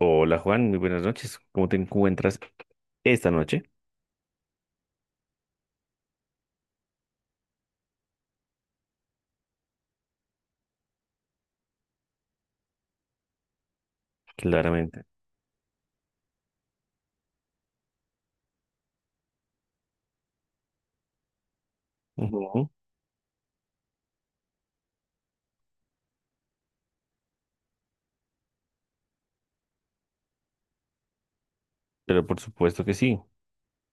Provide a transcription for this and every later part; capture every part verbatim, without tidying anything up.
Hola Juan, muy buenas noches. ¿Cómo te encuentras esta noche? Claramente. Ujú. Pero por supuesto que sí,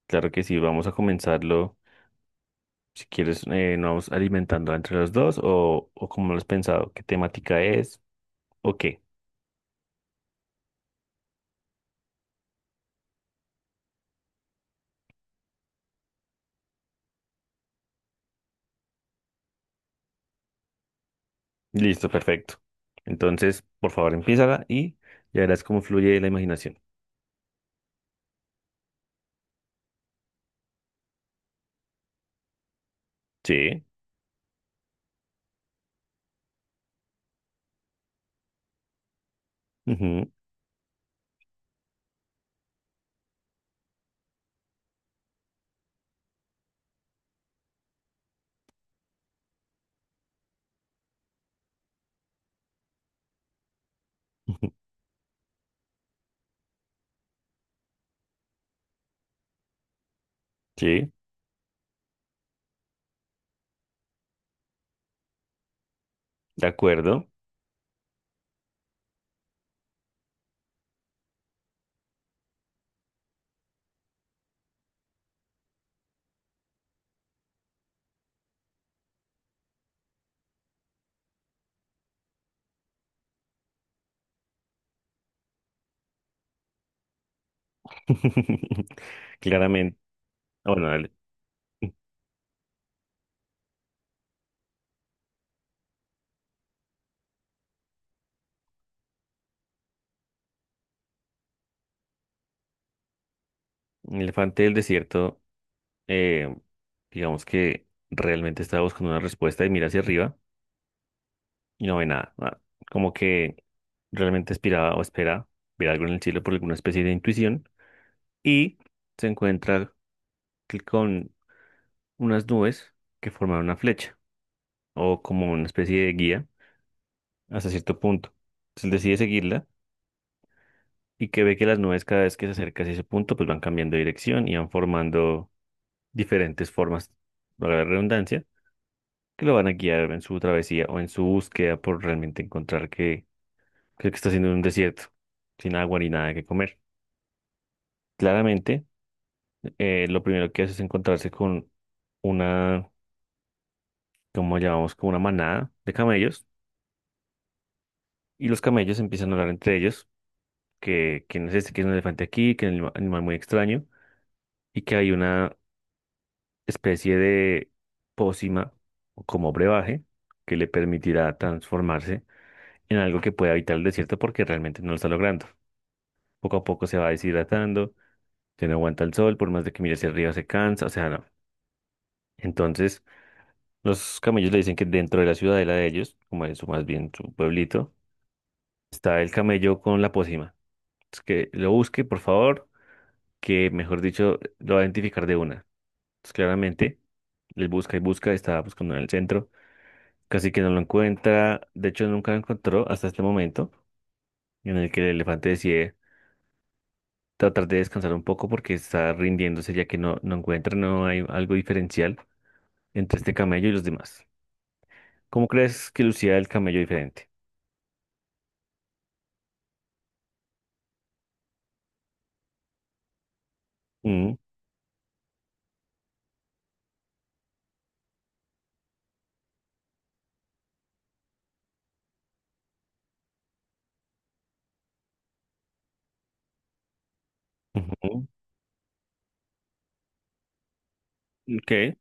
claro que sí. Vamos a comenzarlo. Si quieres, eh, nos vamos alimentando entre los dos o, o cómo lo has pensado, qué temática es o qué. Listo, perfecto. Entonces, por favor, empiézala y ya verás cómo fluye la imaginación. Sí, ujú, ujú, sí, de acuerdo. Claramente. Bueno, dale. Elefante del desierto, eh, digamos que realmente estaba buscando una respuesta y mira hacia arriba y no ve nada. nada. Como que realmente aspiraba o espera ver algo en el cielo por alguna especie de intuición y se encuentra que con unas nubes que forman una flecha o como una especie de guía hasta cierto punto. Entonces él decide seguirla y que ve que las nubes cada vez que se acerca hacia ese punto pues van cambiando de dirección y van formando diferentes formas, para la redundancia, que lo van a guiar en su travesía o en su búsqueda por realmente encontrar que, que lo que está haciendo en un desierto, sin agua ni nada que comer. Claramente, eh, lo primero que hace es encontrarse con una, como llamamos, como una manada de camellos, y los camellos empiezan a hablar entre ellos, que quién es este, que es un elefante aquí, que es un anima- animal muy extraño, y que hay una especie de pócima o como brebaje que le permitirá transformarse en algo que pueda evitar el desierto porque realmente no lo está logrando. Poco a poco se va deshidratando, se no aguanta el sol, por más de que mire hacia arriba se cansa, o sea, no. Entonces, los camellos le dicen que dentro de la ciudadela de ellos, como es su- más bien su pueblito, está el camello con la pócima. Es que lo busque, por favor, que mejor dicho, lo va a identificar de una. Entonces, claramente, él busca y busca, está buscando en el centro, casi que no lo encuentra, de hecho nunca lo encontró hasta este momento en el que el elefante decide tratar de descansar un poco porque está rindiéndose ya que no, no encuentra, no hay algo diferencial entre este camello y los demás. ¿Cómo crees que lucía el camello diferente? Mm, ujú, ok,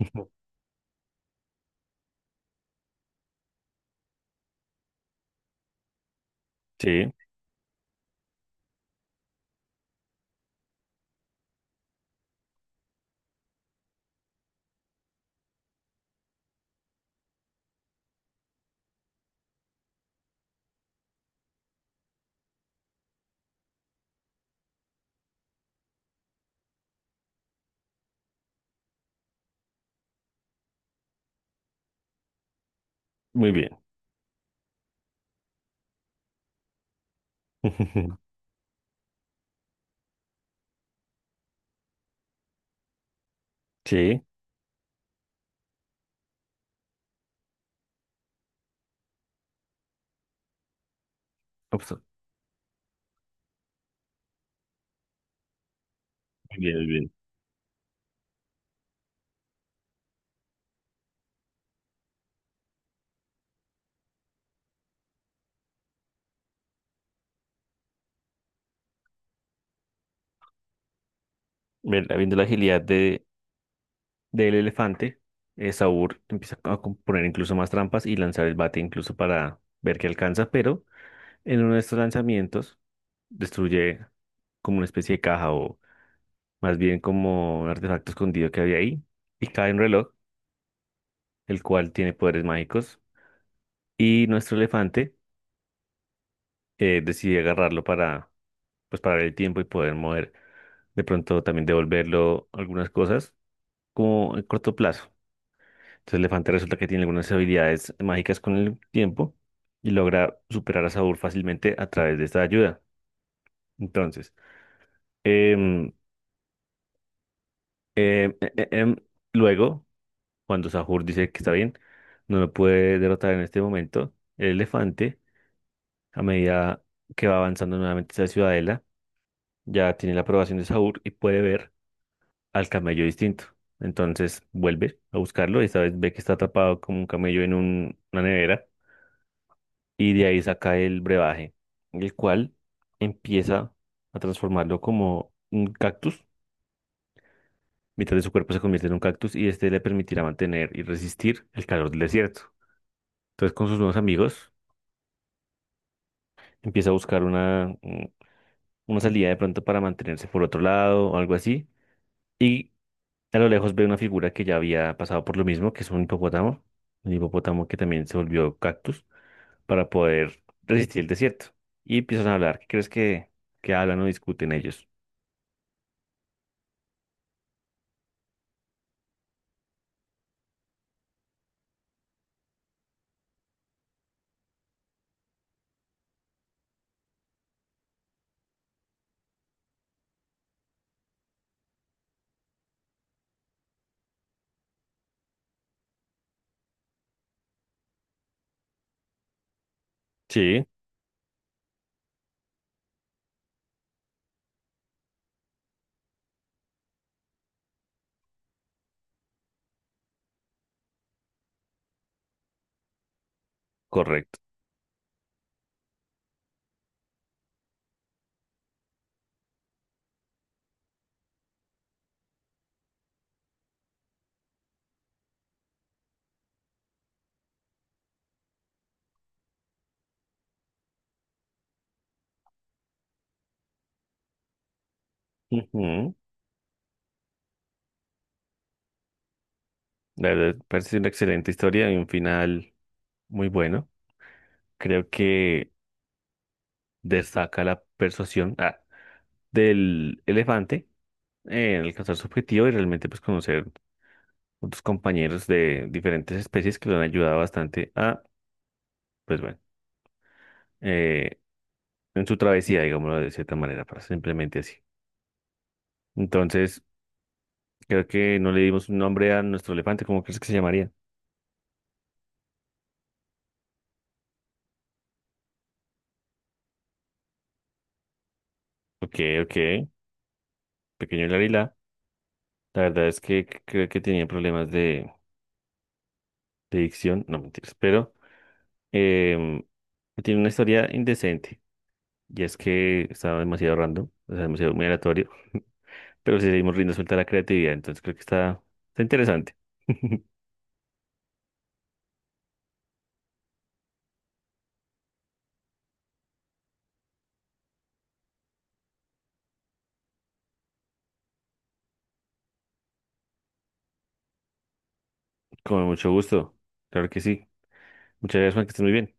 ujú. Sí, muy bien. Sí, obs- muy bien, muy bien. Ver- Viendo la agilidad de, del elefante, eh, Saúl empieza a com- poner incluso más trampas y lanzar el bate incluso para ver qué alcanza, pero en uno de estos lanzamientos destruye como una especie de caja, más bien como un artefacto escondido que había ahí, y cae un reloj, el cual tiene poderes mágicos, y nuestro elefante, eh, decide agarrarlo para, pues, parar el tiempo y poder mover, de pronto también devolverlo algunas cosas, como en corto plazo. Entonces el elefante resulta que tiene algunas habilidades mágicas con el tiempo y logra superar a Saúl fácilmente a través de esta ayuda. Entonces, em, em, em, em, luego, cuando Sahur dice que está bien, no lo puede derrotar en este momento. El elefante, a medida que va avanzando nuevamente hacia la ciudadela, ya tiene la aprobación de Sahur y puede ver al camello distinto. Entonces vuelve a buscarlo y esta vez ve que está atrapado como un camello en un- una nevera, y de ahí saca el brebaje, el cual empieza a transformarlo como un cactus. Mitad de su cuerpo se convierte en un cactus y este le permitirá mantener y resistir el calor del desierto. Entonces, con sus nuevos amigos empieza a buscar una, un- una salida de pronto para mantenerse por otro lado o algo así. Y a lo lejos ve una figura que ya había pasado por lo mismo, que es un hipopótamo, un hipopótamo que también se volvió cactus para poder resistir el desierto. Y empiezan a hablar. ¿Qué crees que, que hablan o discuten ellos? Sí, correcto. Ujú. La verdad, parece una excelente historia y un final muy bueno. Creo que destaca la persuasión, ah, del elefante en alcanzar su objetivo y realmente pues conocer otros compañeros de diferentes especies que lo han ayudado bastante a, pues bueno, eh, en su travesía, digámoslo de cierta manera, para simplemente así. Entonces, creo que no le dimos un nombre a nuestro elefante, ¿cómo crees que se llamaría? Ok, ok, pequeño Larila. La verdad es que c- creo que tenía problemas de, de dicción, no mentiras, pero em, tiene una historia indecente. Y es que estaba demasiado random, o sea, demasiado muy aleatorio. Pero si seguimos riendo suelta a la creatividad, entonces creo que está, está interesante. Con mucho gusto. Claro que sí. Muchas gracias, Juan, que estés muy bien.